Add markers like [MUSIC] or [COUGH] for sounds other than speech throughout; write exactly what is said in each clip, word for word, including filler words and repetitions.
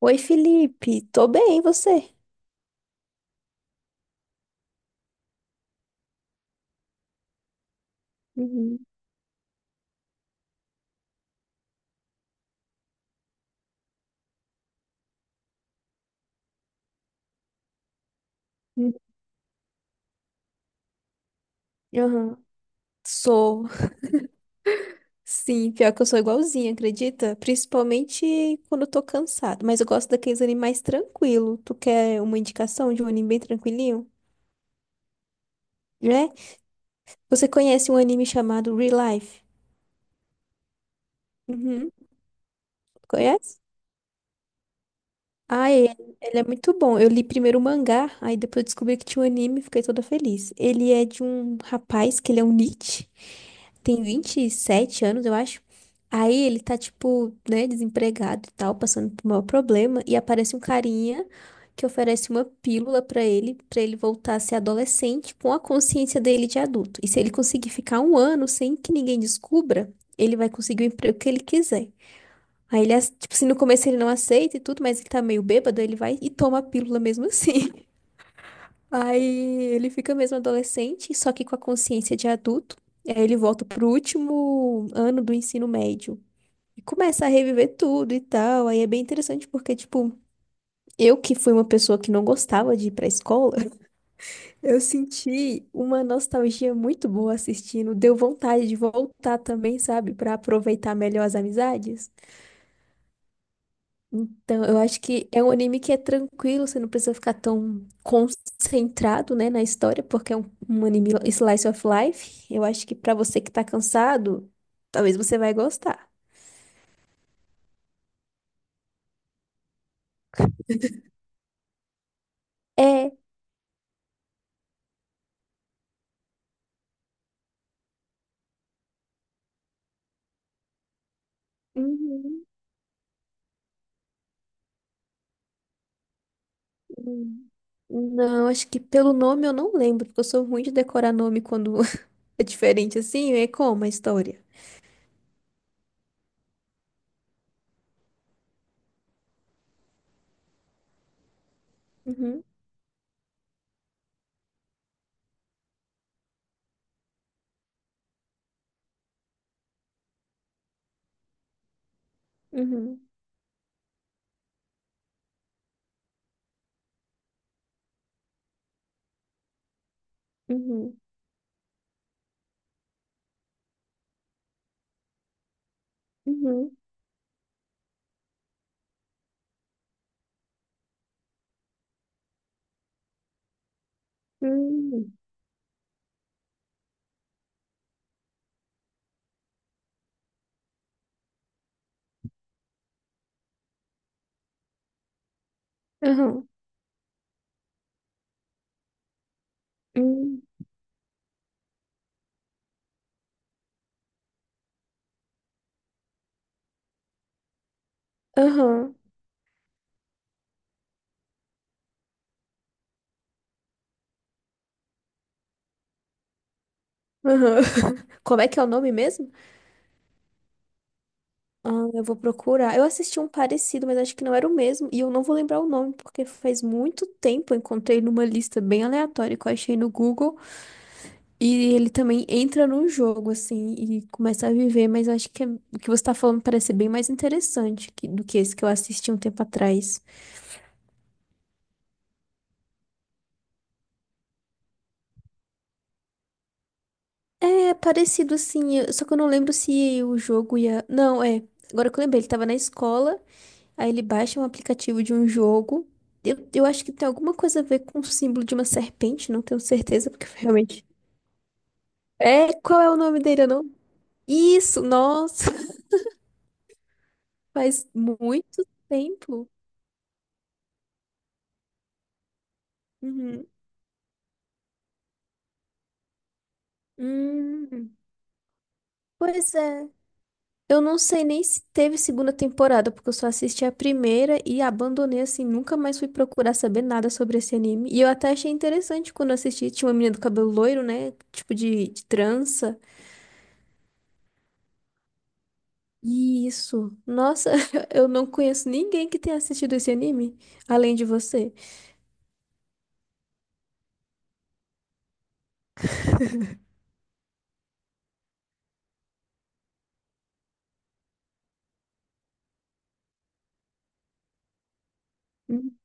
Oi, Felipe. Tô bem, e você? Uhum. Hum. Aham. Sou. Sim, pior que eu sou igualzinha, acredita? Principalmente quando eu tô cansado. Mas eu gosto daqueles animes mais tranquilo. Tu quer uma indicação de um anime bem tranquilinho? Né? Você conhece um anime chamado Real Life? Uhum. Conhece? Ah, ele, ele é muito bom. Eu li primeiro o mangá, aí depois eu descobri que tinha um anime e fiquei toda feliz. Ele é de um rapaz, que ele é um niche, tem vinte e sete anos, eu acho. Aí ele tá, tipo, né, desempregado e tal, passando por um maior problema, e aparece um carinha que oferece uma pílula pra ele, pra ele voltar a ser adolescente com a consciência dele de adulto. E se ele conseguir ficar um ano sem que ninguém descubra, ele vai conseguir o emprego que ele quiser. Aí ele, ace- tipo assim, no começo ele não aceita e tudo, mas ele tá meio bêbado, ele vai e toma a pílula mesmo assim. [LAUGHS] Aí ele fica mesmo adolescente, só que com a consciência de adulto. E aí ele volta pro último ano do ensino médio e começa a reviver tudo e tal. Aí é bem interessante porque, tipo, eu que fui uma pessoa que não gostava de ir pra escola, [LAUGHS] eu senti uma nostalgia muito boa assistindo. Deu vontade de voltar também, sabe, pra aproveitar melhor as amizades. Então, eu acho que é um anime que é tranquilo, você não precisa ficar tão concentrado, né, na história, porque é um, um anime slice of life. Eu acho que pra você que tá cansado, talvez você vai gostar. É. Uhum, uhum. Não, acho que pelo nome eu não lembro, porque eu sou ruim de decorar nome quando [LAUGHS] é diferente assim, é como a história. Uhum, uhum, uhum, uhum, uhum, uhum, uhum, uhum. [LAUGHS] Como é que é o nome mesmo? Ah, eu vou procurar. Eu assisti um parecido, mas acho que não era o mesmo. E eu não vou lembrar o nome, porque faz muito tempo eu encontrei numa lista bem aleatória que eu achei no Google. E ele também entra num jogo, assim, e começa a viver. Mas eu acho que é- o que você tá falando parece bem mais interessante que- do que esse que eu assisti um tempo atrás. É parecido, assim, eu- só que eu não lembro se o jogo ia. Não, é. Agora que eu lembrei, ele tava na escola. Aí ele baixa um aplicativo de um jogo. Eu, eu acho que tem alguma coisa a ver com o símbolo de uma serpente, não tenho certeza, porque [LAUGHS] foi realmente. É, qual é o nome dele? Eu não. Isso, nossa, [LAUGHS] faz muito tempo. Uhum. Hum, pois é. Eu não sei nem se teve segunda temporada, porque eu só assisti a primeira e abandonei assim, nunca mais fui procurar saber nada sobre esse anime. E eu até achei interessante quando eu assisti, tinha uma menina do cabelo loiro, né? Tipo de de trança. Isso. Nossa, [LAUGHS] eu não conheço ninguém que tenha assistido esse anime, além de você. Hum.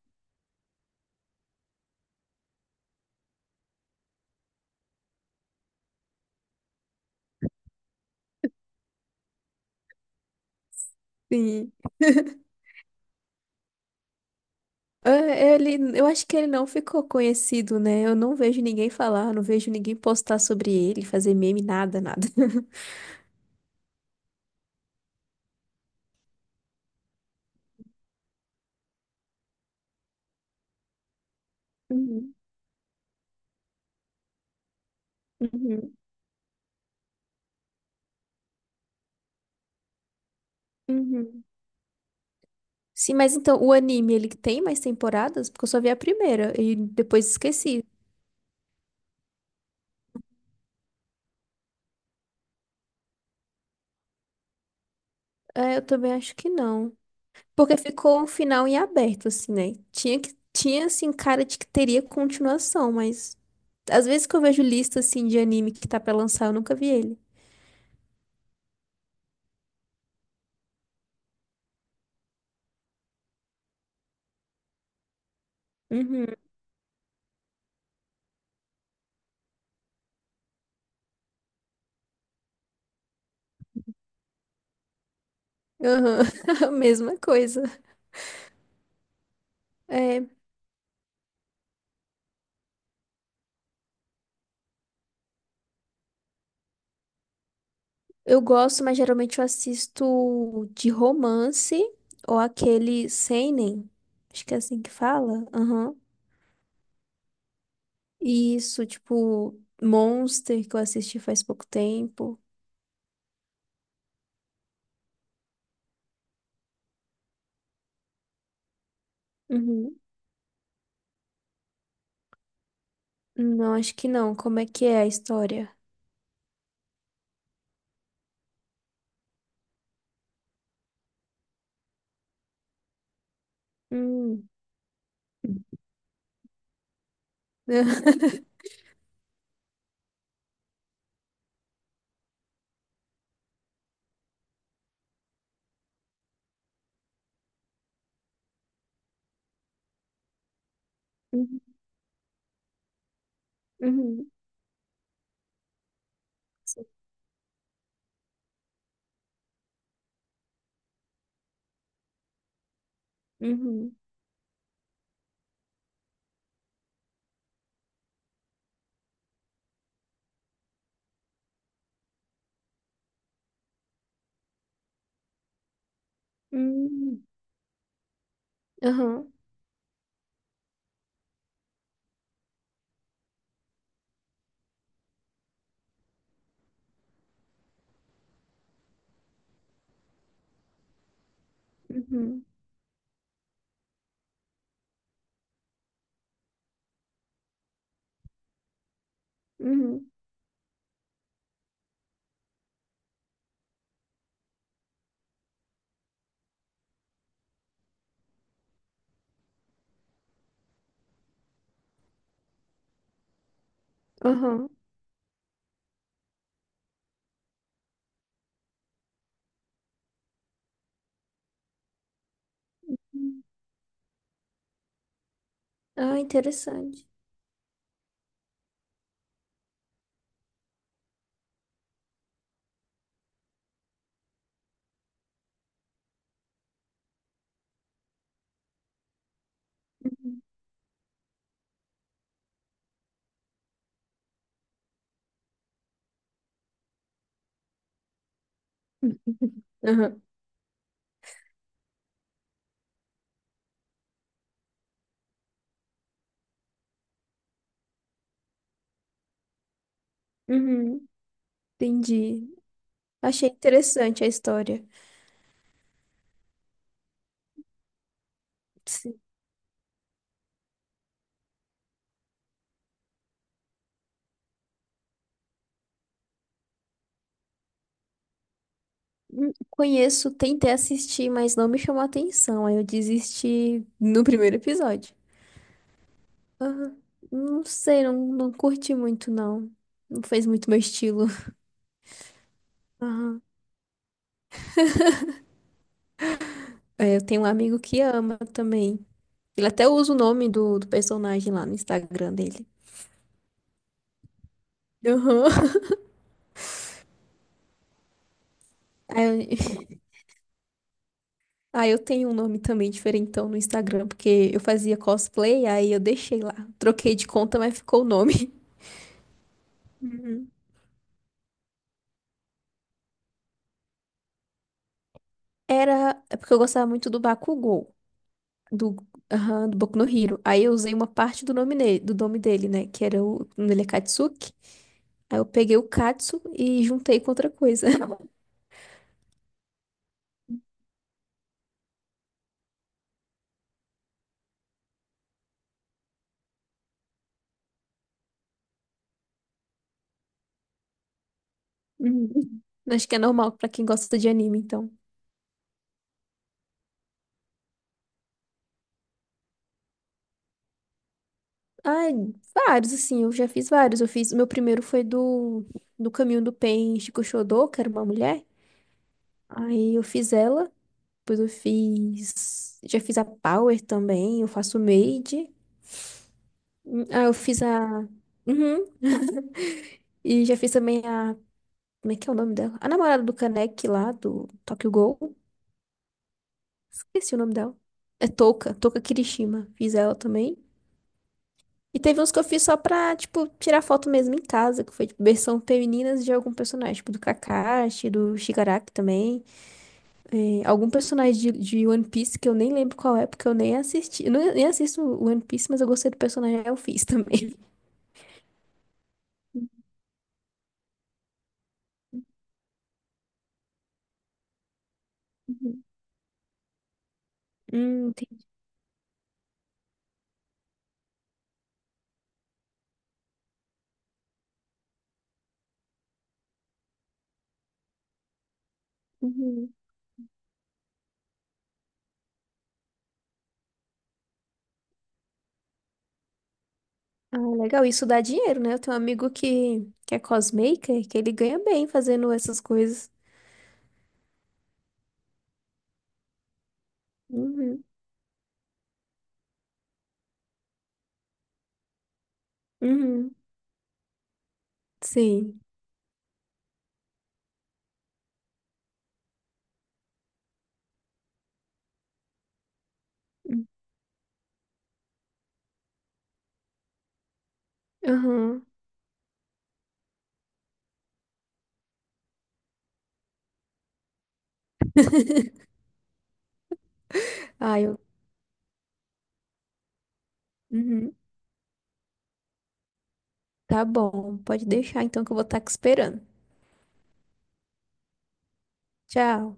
Sim. É, ele, eu acho que ele não ficou conhecido, né? Eu não vejo ninguém falar, não vejo ninguém postar sobre ele, fazer meme, nada, nada. [LAUGHS] Uhum, uhum, uhum. Sim, mas então o anime, ele tem mais temporadas? Porque eu só vi a primeira e depois esqueci. É, eu também acho que não. Porque ficou um final em aberto, assim, né? Tinha que, tinha, assim, cara de que teria continuação, mas às vezes que eu vejo lista, assim, de anime que tá pra lançar, eu nunca vi ele. Uhum, aham, [LAUGHS] mesma coisa. É, eu gosto, mas geralmente eu assisto de romance ou aquele seinen, acho que é assim que fala. Aham. E isso, tipo, Monster, que eu assisti faz pouco tempo. Uhum. Não, acho que não. Como é que é a história? Hum. [LAUGHS] Uhum, uhum, sim, uhum, uhum, aham, uhum, uhum, aham. Ah, interessante. Uhum, aham, uhum, entendi. Achei interessante a história. Sim. Hum, conheço, tentei assistir, mas não me chamou a atenção. Aí eu desisti no primeiro episódio. Aham. Não sei, não, não curti muito, não. Não fez muito meu estilo. Aham. É, eu tenho um amigo que ama também. Ele até usa o nome do, do personagem lá no Instagram dele. Aham. Aí, eu [LAUGHS] aí eu tenho um nome também diferentão no Instagram, porque eu fazia cosplay, aí eu deixei lá. Troquei de conta, mas ficou o nome. Uhum. Era. É porque eu gostava muito do Bakugou, do, aham, do Boku no Hero. Aí eu usei uma parte do nome, ne- do nome dele, né? Que era o. o nome. Ele é Katsuki. Aí eu peguei o Katsu e juntei com outra coisa. [LAUGHS] Uhum. Acho que é normal pra quem gosta de anime, então. Ai, vários, assim, eu já fiz vários. Eu fiz, o meu primeiro foi do, do Caminho do Pen Chico Xodó, que era uma mulher. Aí eu fiz ela, depois eu fiz, já fiz a Power também, eu faço Made. Hum, Ah, eu fiz a, uhum. [LAUGHS] E já fiz também a, como é que é o nome dela? A namorada do Kaneki lá, do Tokyo Ghoul. Esqueci o nome dela. É Touka, Touka Kirishima. Fiz ela também. E teve uns que eu fiz só pra, tipo, tirar foto mesmo em casa, que foi, tipo, versão femininas de algum personagem, tipo, do Kakashi, do Shigaraki também. É, algum personagem de, de One Piece que eu nem lembro qual é, porque eu nem assisti. Eu não- nem assisto One Piece, mas eu gostei do personagem, aí eu fiz [LAUGHS] também. Uhum. Hum, entendi. Uhum. Ah, legal, isso dá dinheiro, né? Eu tenho um amigo que, que é cosmaker, que ele ganha bem fazendo essas coisas. Uhum. Uhum. Sim. Uhum. [LAUGHS] Ah, eu. Uhum. Tá bom, pode deixar então que eu vou estar aqui esperando. Tchau.